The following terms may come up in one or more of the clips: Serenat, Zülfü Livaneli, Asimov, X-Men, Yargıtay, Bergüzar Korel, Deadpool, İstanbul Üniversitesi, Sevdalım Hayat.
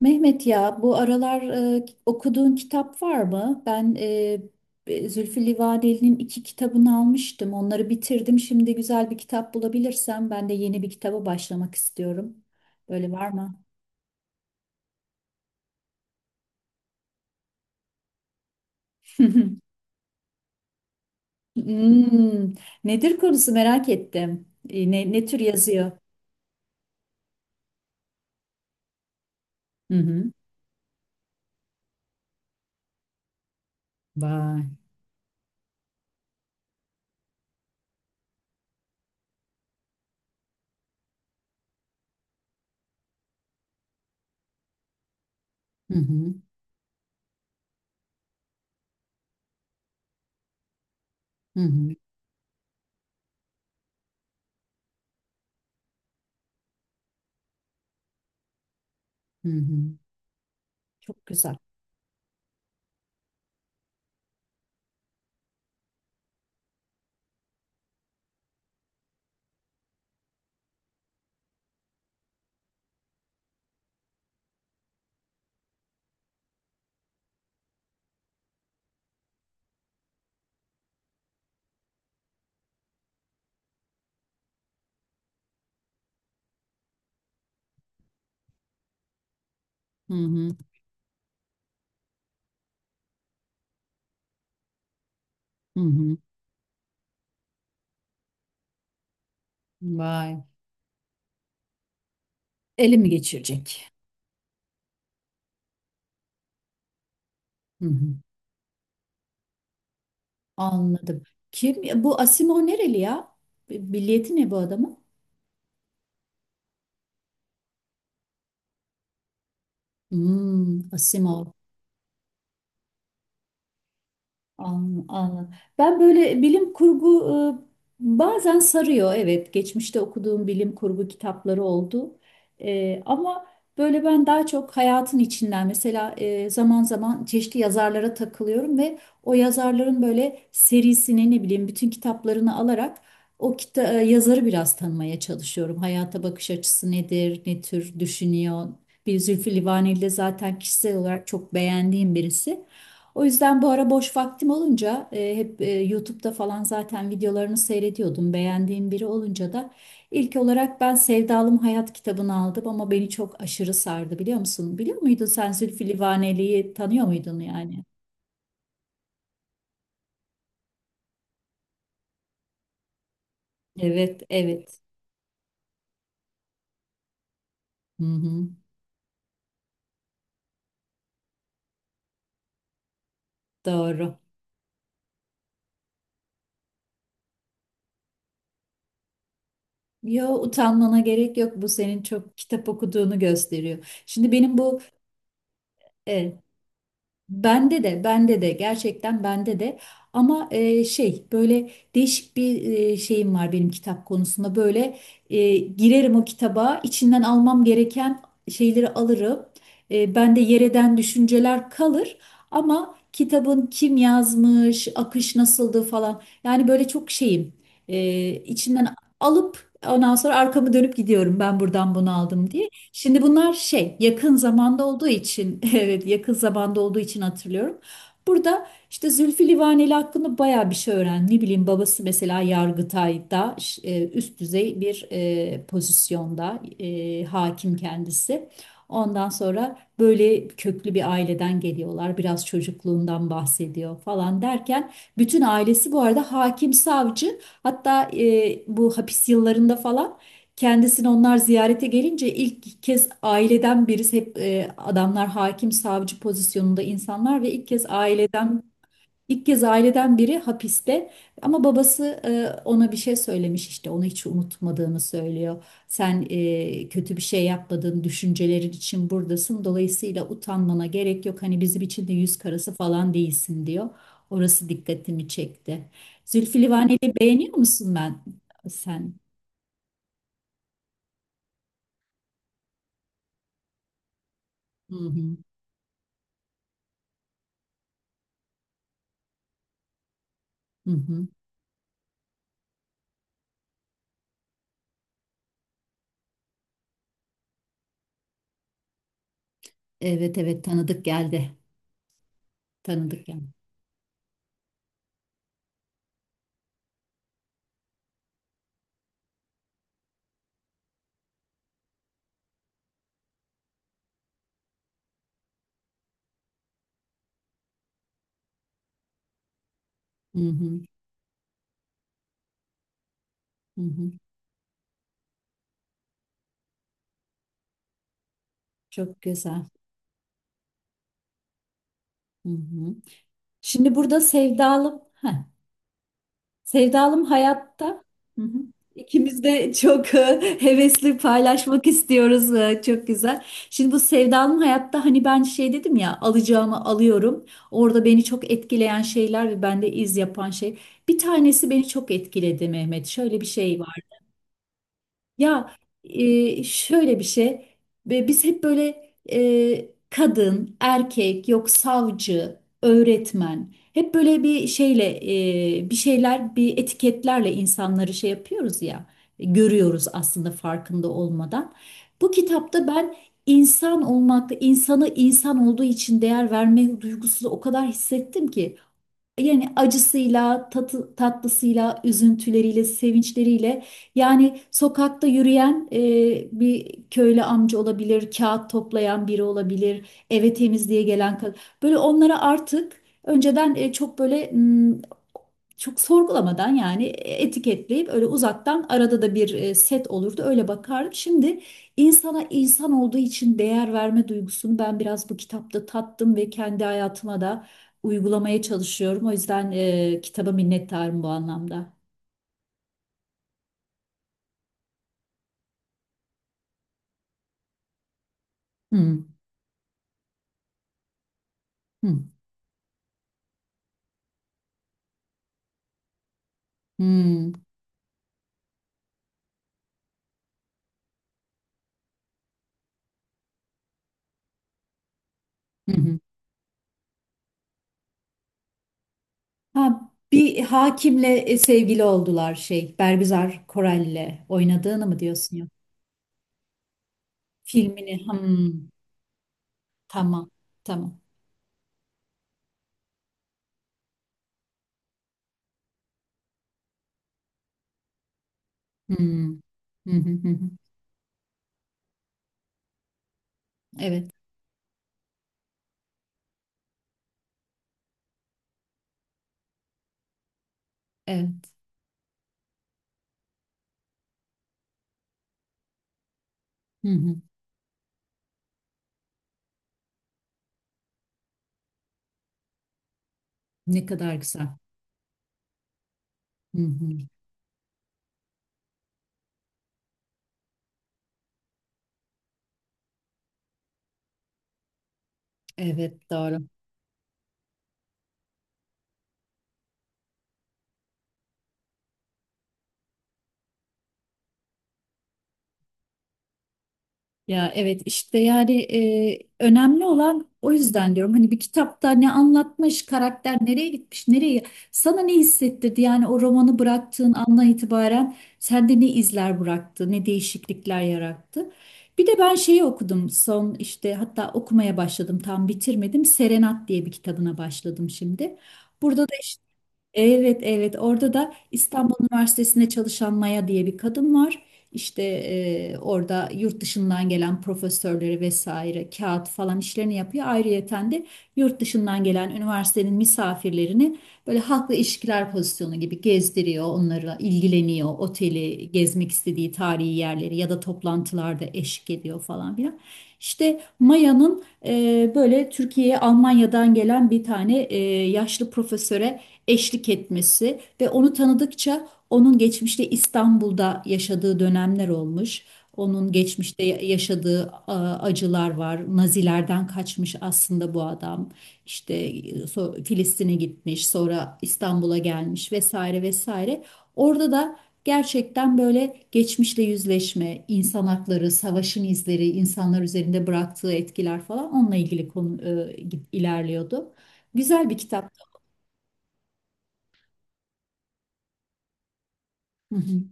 Mehmet ya bu aralar okuduğun kitap var mı? Zülfü Livaneli'nin iki kitabını almıştım. Onları bitirdim. Şimdi güzel bir kitap bulabilirsem ben de yeni bir kitaba başlamak istiyorum. Böyle var mı? Hmm, nedir konusu merak ettim. Ne, ne tür yazıyor? Hı hı. Vay. Hı hı. Hı hı. Hı hı. Çok güzel. Hı hı. Hı hı. Vay. Elimi geçirecek. Hı hı. Anladım. Kim bu Asimov nereli ya? Milliyeti ne bu adamın? Hmm, Asimov. Anladım. Ben böyle bilim kurgu bazen sarıyor. Evet, geçmişte okuduğum bilim kurgu kitapları oldu. Ama böyle ben daha çok hayatın içinden mesela zaman zaman çeşitli yazarlara takılıyorum ve o yazarların böyle serisini ne bileyim bütün kitaplarını alarak yazarı biraz tanımaya çalışıyorum. Hayata bakış açısı nedir, ne tür düşünüyor. Bir Zülfü Livaneli de zaten kişisel olarak çok beğendiğim birisi. O yüzden bu ara boş vaktim olunca hep YouTube'da falan zaten videolarını seyrediyordum. Beğendiğim biri olunca da ilk olarak ben Sevdalım Hayat kitabını aldım ama beni çok aşırı sardı biliyor musun? Biliyor muydun sen Zülfü Livaneli'yi tanıyor muydun yani? Evet, evet. Hı hı, doğru. Yo, utanmana gerek yok. Bu senin çok kitap okuduğunu gösteriyor. Şimdi benim bu evet. Bende de gerçekten bende de ama şey böyle değişik bir şeyim var benim kitap konusunda böyle girerim o kitaba içinden almam gereken şeyleri alırım. Bende yereden düşünceler kalır ama kitabın kim yazmış, akış nasıldı falan yani böyle çok şeyim. İçinden alıp ondan sonra arkamı dönüp gidiyorum ben buradan bunu aldım diye. Şimdi bunlar şey yakın zamanda olduğu için evet yakın zamanda olduğu için hatırlıyorum. Burada işte Zülfü Livaneli hakkında bayağı bir şey öğren. Ne bileyim babası mesela Yargıtay'da üst düzey bir pozisyonda hakim kendisi. Ondan sonra böyle köklü bir aileden geliyorlar. Biraz çocukluğundan bahsediyor falan derken bütün ailesi bu arada hakim savcı, hatta bu hapis yıllarında falan kendisini onlar ziyarete gelince ilk kez aileden birisi, hep adamlar hakim savcı pozisyonunda insanlar ve ilk kez aileden biri hapiste, ama babası ona bir şey söylemiş işte, onu hiç unutmadığını söylüyor. Sen kötü bir şey yapmadığın düşüncelerin için buradasın, dolayısıyla utanmana gerek yok, hani bizim için de yüz karası falan değilsin diyor. Orası dikkatimi çekti. Zülfü Livaneli'yi beğeniyor musun ben sen? Hı hı. Hı hı. Evet, evet, tanıdık geldi. Tanıdık geldi. Hı hı, hı hı. Çok güzel. Hı hı. Şimdi burada sevdalım. Heh, sevdalım hayatta. Hı hı. İkimiz de çok hevesli paylaşmak istiyoruz. Çok güzel. Şimdi bu sevdalım hayatta hani ben şey dedim ya, alacağımı alıyorum. Orada beni çok etkileyen şeyler ve bende iz yapan şey. Bir tanesi beni çok etkiledi Mehmet. Şöyle bir şey var. Ya şöyle bir şey, ve biz hep böyle kadın, erkek, yok savcı, öğretmen, hep böyle bir şeyle bir şeyler, bir etiketlerle insanları şey yapıyoruz ya, görüyoruz aslında farkında olmadan. Bu kitapta ben insan olmakta insanı insan olduğu için değer verme duygusunu o kadar hissettim ki. Yani acısıyla, tatı, tatlısıyla, üzüntüleriyle, sevinçleriyle, yani sokakta yürüyen bir köylü amca olabilir, kağıt toplayan biri olabilir, eve temizliğe gelen kadın. Böyle onlara artık önceden çok böyle çok sorgulamadan, yani etiketleyip öyle uzaktan, arada da bir set olurdu, öyle bakardım. Şimdi insana insan olduğu için değer verme duygusunu ben biraz bu kitapta tattım ve kendi hayatıma da uygulamaya çalışıyorum. O yüzden kitaba minnettarım bu anlamda. Hmm, hmm, hmm, hı hı. Ha, bir hakimle sevgili oldular şey Bergüzar Korel'le oynadığını mı diyorsun ya? Filmini. Hmm, tamam, tamam. Hmm. Hı hı hı. Evet, evet. Hı hı. Ne kadar güzel. Hı hı. Evet, doğru. Ya evet işte, yani önemli olan, o yüzden diyorum hani bir kitapta ne anlatmış, karakter nereye gitmiş, nereye sana ne hissettirdi, yani o romanı bıraktığın andan itibaren sende ne izler bıraktı, ne değişiklikler yarattı. Bir de ben şeyi okudum son işte, hatta okumaya başladım tam bitirmedim. Serenat diye bir kitabına başladım şimdi. Burada da işte evet, evet. Orada da İstanbul Üniversitesi'nde çalışan Maya diye bir kadın var. İşte orada yurt dışından gelen profesörleri vesaire kağıt falan işlerini yapıyor. Ayrıyeten de yurt dışından gelen üniversitenin misafirlerini böyle halkla ilişkiler pozisyonu gibi gezdiriyor. Onlarla ilgileniyor. Oteli, gezmek istediği tarihi yerleri ya da toplantılarda eşlik ediyor falan filan. İşte Maya'nın böyle Türkiye'ye Almanya'dan gelen bir tane yaşlı profesöre eşlik etmesi ve onu tanıdıkça onun geçmişte İstanbul'da yaşadığı dönemler olmuş. Onun geçmişte yaşadığı acılar var. Nazilerden kaçmış aslında bu adam. İşte Filistin'e gitmiş, sonra İstanbul'a gelmiş vesaire vesaire. Orada da gerçekten böyle geçmişle yüzleşme, insan hakları, savaşın izleri, insanlar üzerinde bıraktığı etkiler falan, onunla ilgili konu ilerliyordu. Güzel bir kitap. Hı hı,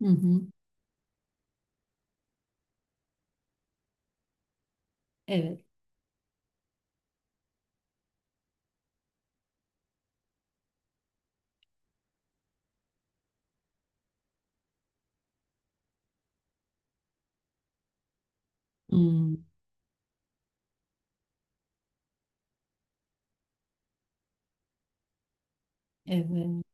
hı hı. Evet. Hmm, evet.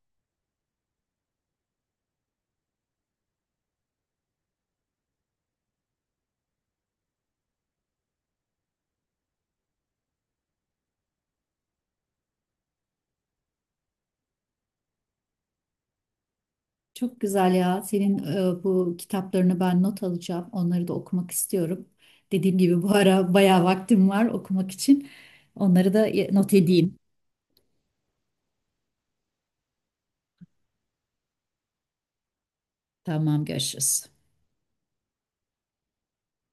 Çok güzel ya. Senin bu kitaplarını ben not alacağım. Onları da okumak istiyorum. Dediğim gibi bu ara bayağı vaktim var okumak için. Onları da not edeyim. Tamam, görüşürüz.